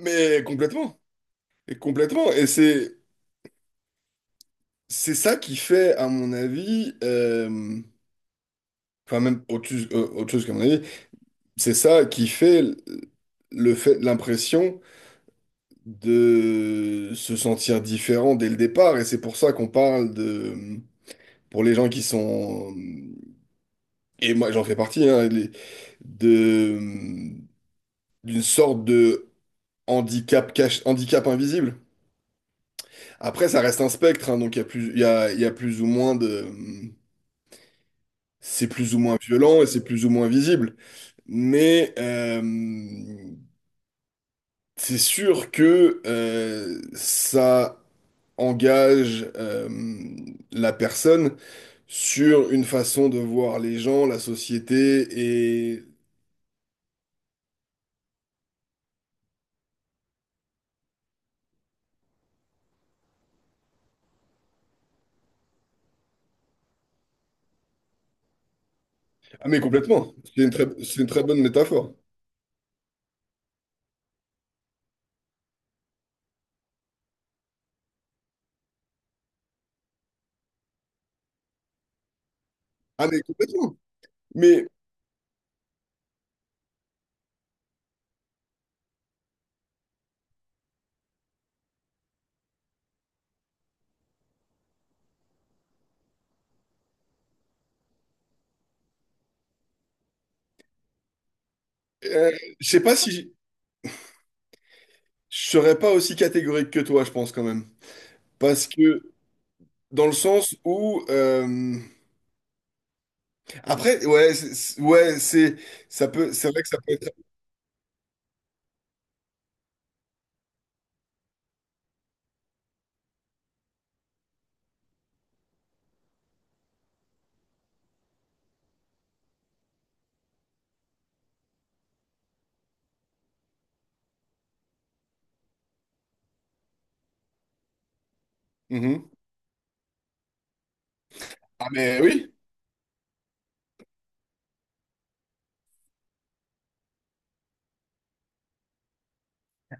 Mais complètement, et complètement, et c'est ça qui fait, à mon avis, enfin même autre chose qu'à mon avis, c'est ça qui fait le fait, l'impression de se sentir différent dès le départ, et c'est pour ça qu'on parle de, pour les gens qui sont, et moi j'en fais partie, hein, de d'une sorte de handicap cache, handicap invisible. Après, ça reste un spectre, hein, donc il y a plus, il y a plus ou moins de. C'est plus ou moins violent et c'est plus ou moins visible. Mais c'est sûr que ça engage la personne sur une façon de voir les gens, la société et... Ah mais complètement. C'est une très bonne métaphore. Ah mais complètement. Mais euh, je sais pas si... Je serais pas aussi catégorique que toi, je pense quand même. Parce que dans le sens où... Après, ouais, c'est, ça peut, c'est vrai que ça peut être. Mhm. Ah mais oui.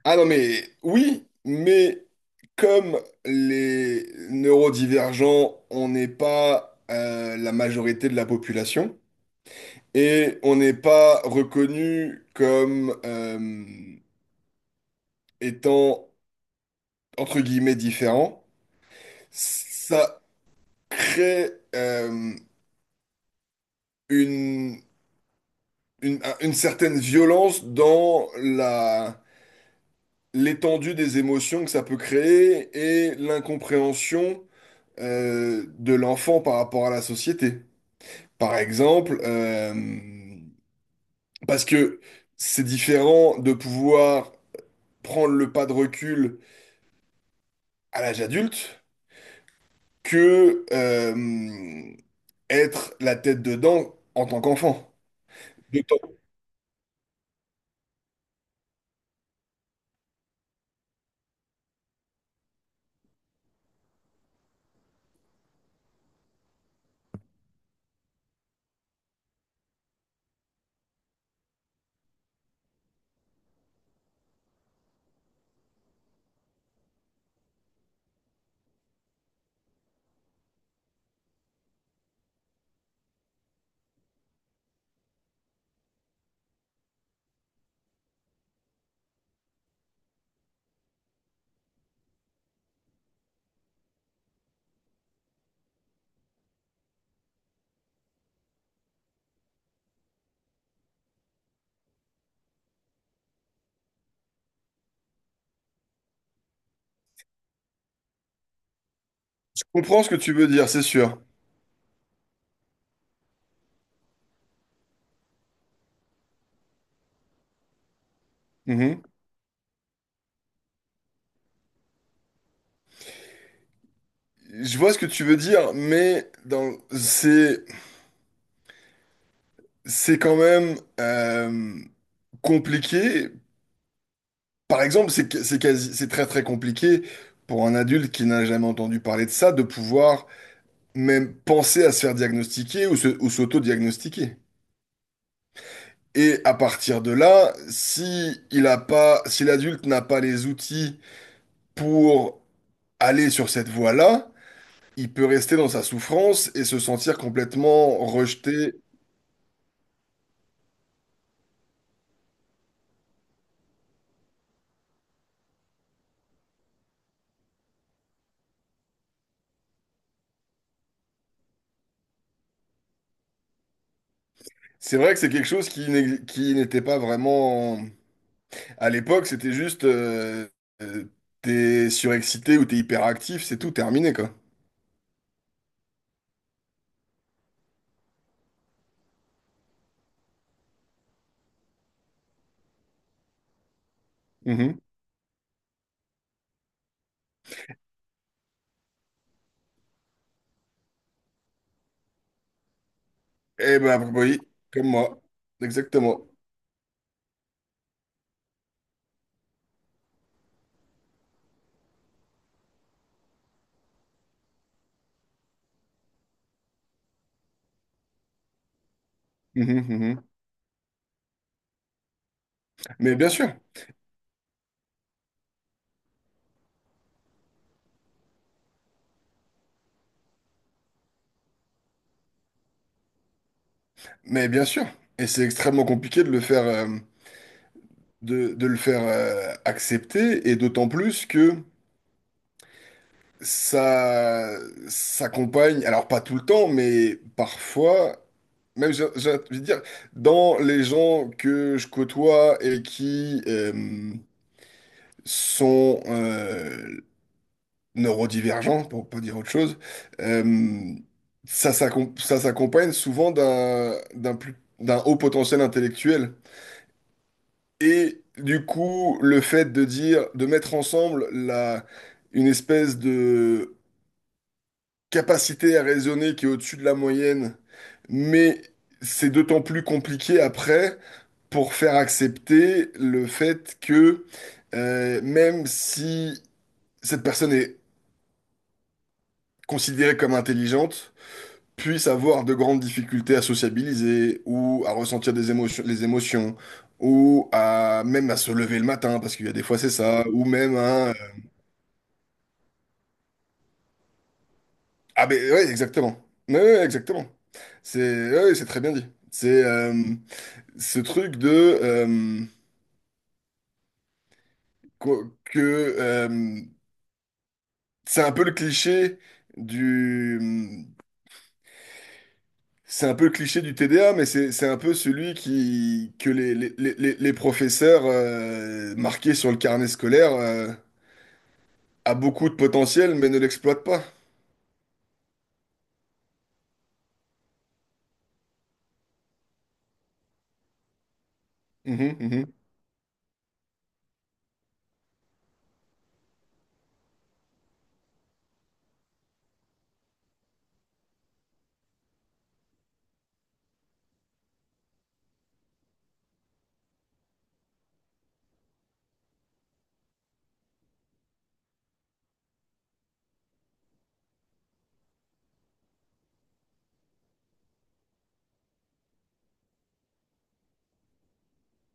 Ah non mais oui, mais comme les neurodivergents, on n'est pas la majorité de la population et on n'est pas reconnu comme étant entre guillemets différent, ça crée une, une certaine violence dans la l'étendue des émotions que ça peut créer et l'incompréhension de l'enfant par rapport à la société. Par exemple, parce que c'est différent de pouvoir prendre le pas de recul à l'âge adulte que être la tête dedans en tant qu'enfant. Je comprends ce que tu veux dire, c'est sûr. Mhm. Je vois ce que tu veux dire, mais dans c'est quand même compliqué. Par exemple, c'est quasi, c'est très très compliqué pour un adulte qui n'a jamais entendu parler de ça de pouvoir même penser à se faire diagnostiquer ou se, ou s'auto-diagnostiquer. Et à partir de là, si il a pas, si l'adulte n'a pas les outils pour aller sur cette voie-là, il peut rester dans sa souffrance et se sentir complètement rejeté. C'est vrai que c'est quelque chose qui n'était pas vraiment. À l'époque, c'était juste euh, t'es surexcité ou t'es hyperactif, c'est tout terminé, quoi. Mhm. Eh ben oui, comme moi. Exactement. Mhm, mhm. Mais bien sûr, mais bien sûr. Et c'est extrêmement compliqué de le faire accepter, et d'autant plus que ça s'accompagne, alors pas tout le temps, mais parfois, même, j'ai envie de dire, dans les gens que je côtoie et qui... sont neurodivergents, pour pas dire autre chose, euh, ça s'accompagne souvent d'un d'un haut potentiel intellectuel. Et du coup, le fait de dire, de mettre ensemble la, une espèce de capacité à raisonner qui est au-dessus de la moyenne, mais c'est d'autant plus compliqué après pour faire accepter le fait que même si cette personne est considérée comme intelligente puisse avoir de grandes difficultés à sociabiliser ou à ressentir des émotions, les émotions ou à même à se lever le matin parce qu'il y a des fois c'est ça ou même à... Ah ben ouais exactement. Ouais, ouais, exactement. C'est ouais, ouais, c'est très bien dit. C'est ce truc de que euh, c'est un peu le cliché du. C'est un peu le cliché du TDA, mais c'est un peu celui qui que les, les professeurs marqués sur le carnet scolaire a beaucoup de potentiel, mais ne l'exploitent pas. Mhm, mhm.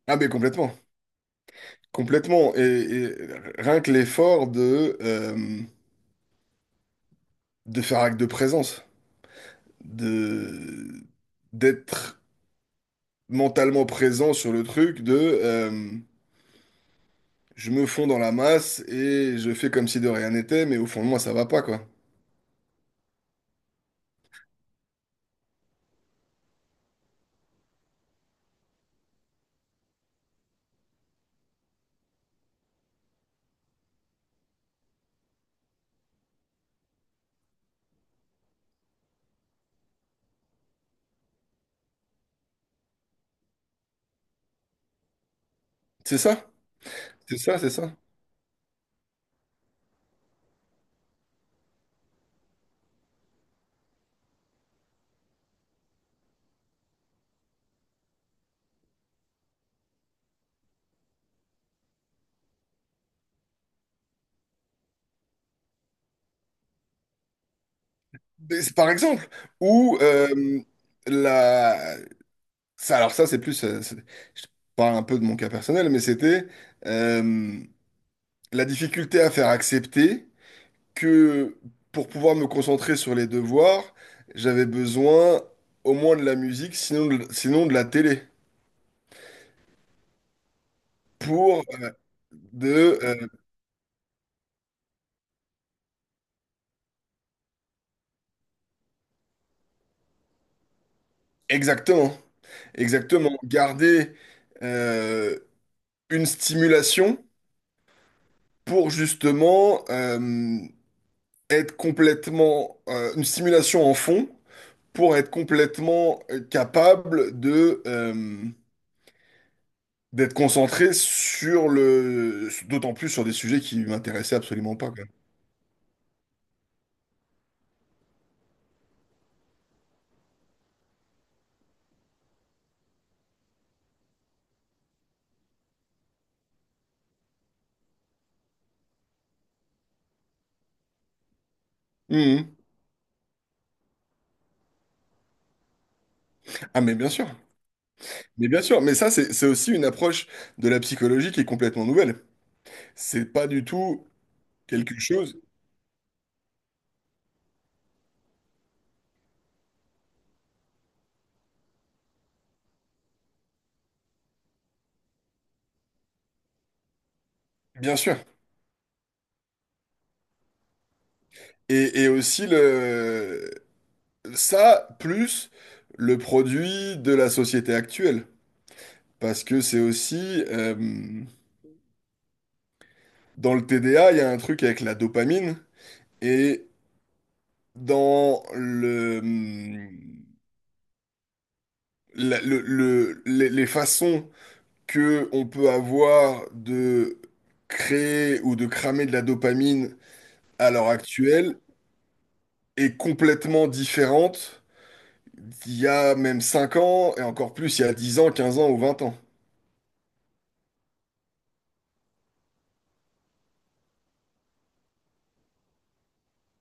Ah mais complètement, complètement. Et rien que l'effort de faire acte de présence, de d'être mentalement présent sur le truc, de je me fonds dans la masse et je fais comme si de rien n'était, mais au fond de moi ça va pas quoi. C'est ça, c'est ça, c'est ça. Mais c'est. Par exemple, ou la... Ça, alors ça c'est plus, je parle un peu de mon cas personnel, mais c'était euh, la difficulté à faire accepter que pour pouvoir me concentrer sur les devoirs, j'avais besoin au moins de la musique, sinon de la télé, pour de exactement, exactement garder euh, une stimulation pour justement être complètement une stimulation en fond pour être complètement capable de d'être concentré sur le d'autant plus sur des sujets qui m'intéressaient absolument pas quoi. Mhm. Ah mais bien sûr, mais bien sûr, mais ça c'est aussi une approche de la psychologie qui est complètement nouvelle. C'est pas du tout quelque chose, bien sûr. Et aussi le ça plus le produit de la société actuelle. Parce que c'est aussi, dans le TDA, il y a un truc avec la dopamine et dans le, mm, la- les façons que on peut avoir de créer ou de cramer de la dopamine à l'heure actuelle est complètement différente d'il y a même 5 ans et encore plus il y a 10 ans, 15 ans ou 20 ans.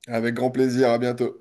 Avec grand plaisir, à bientôt.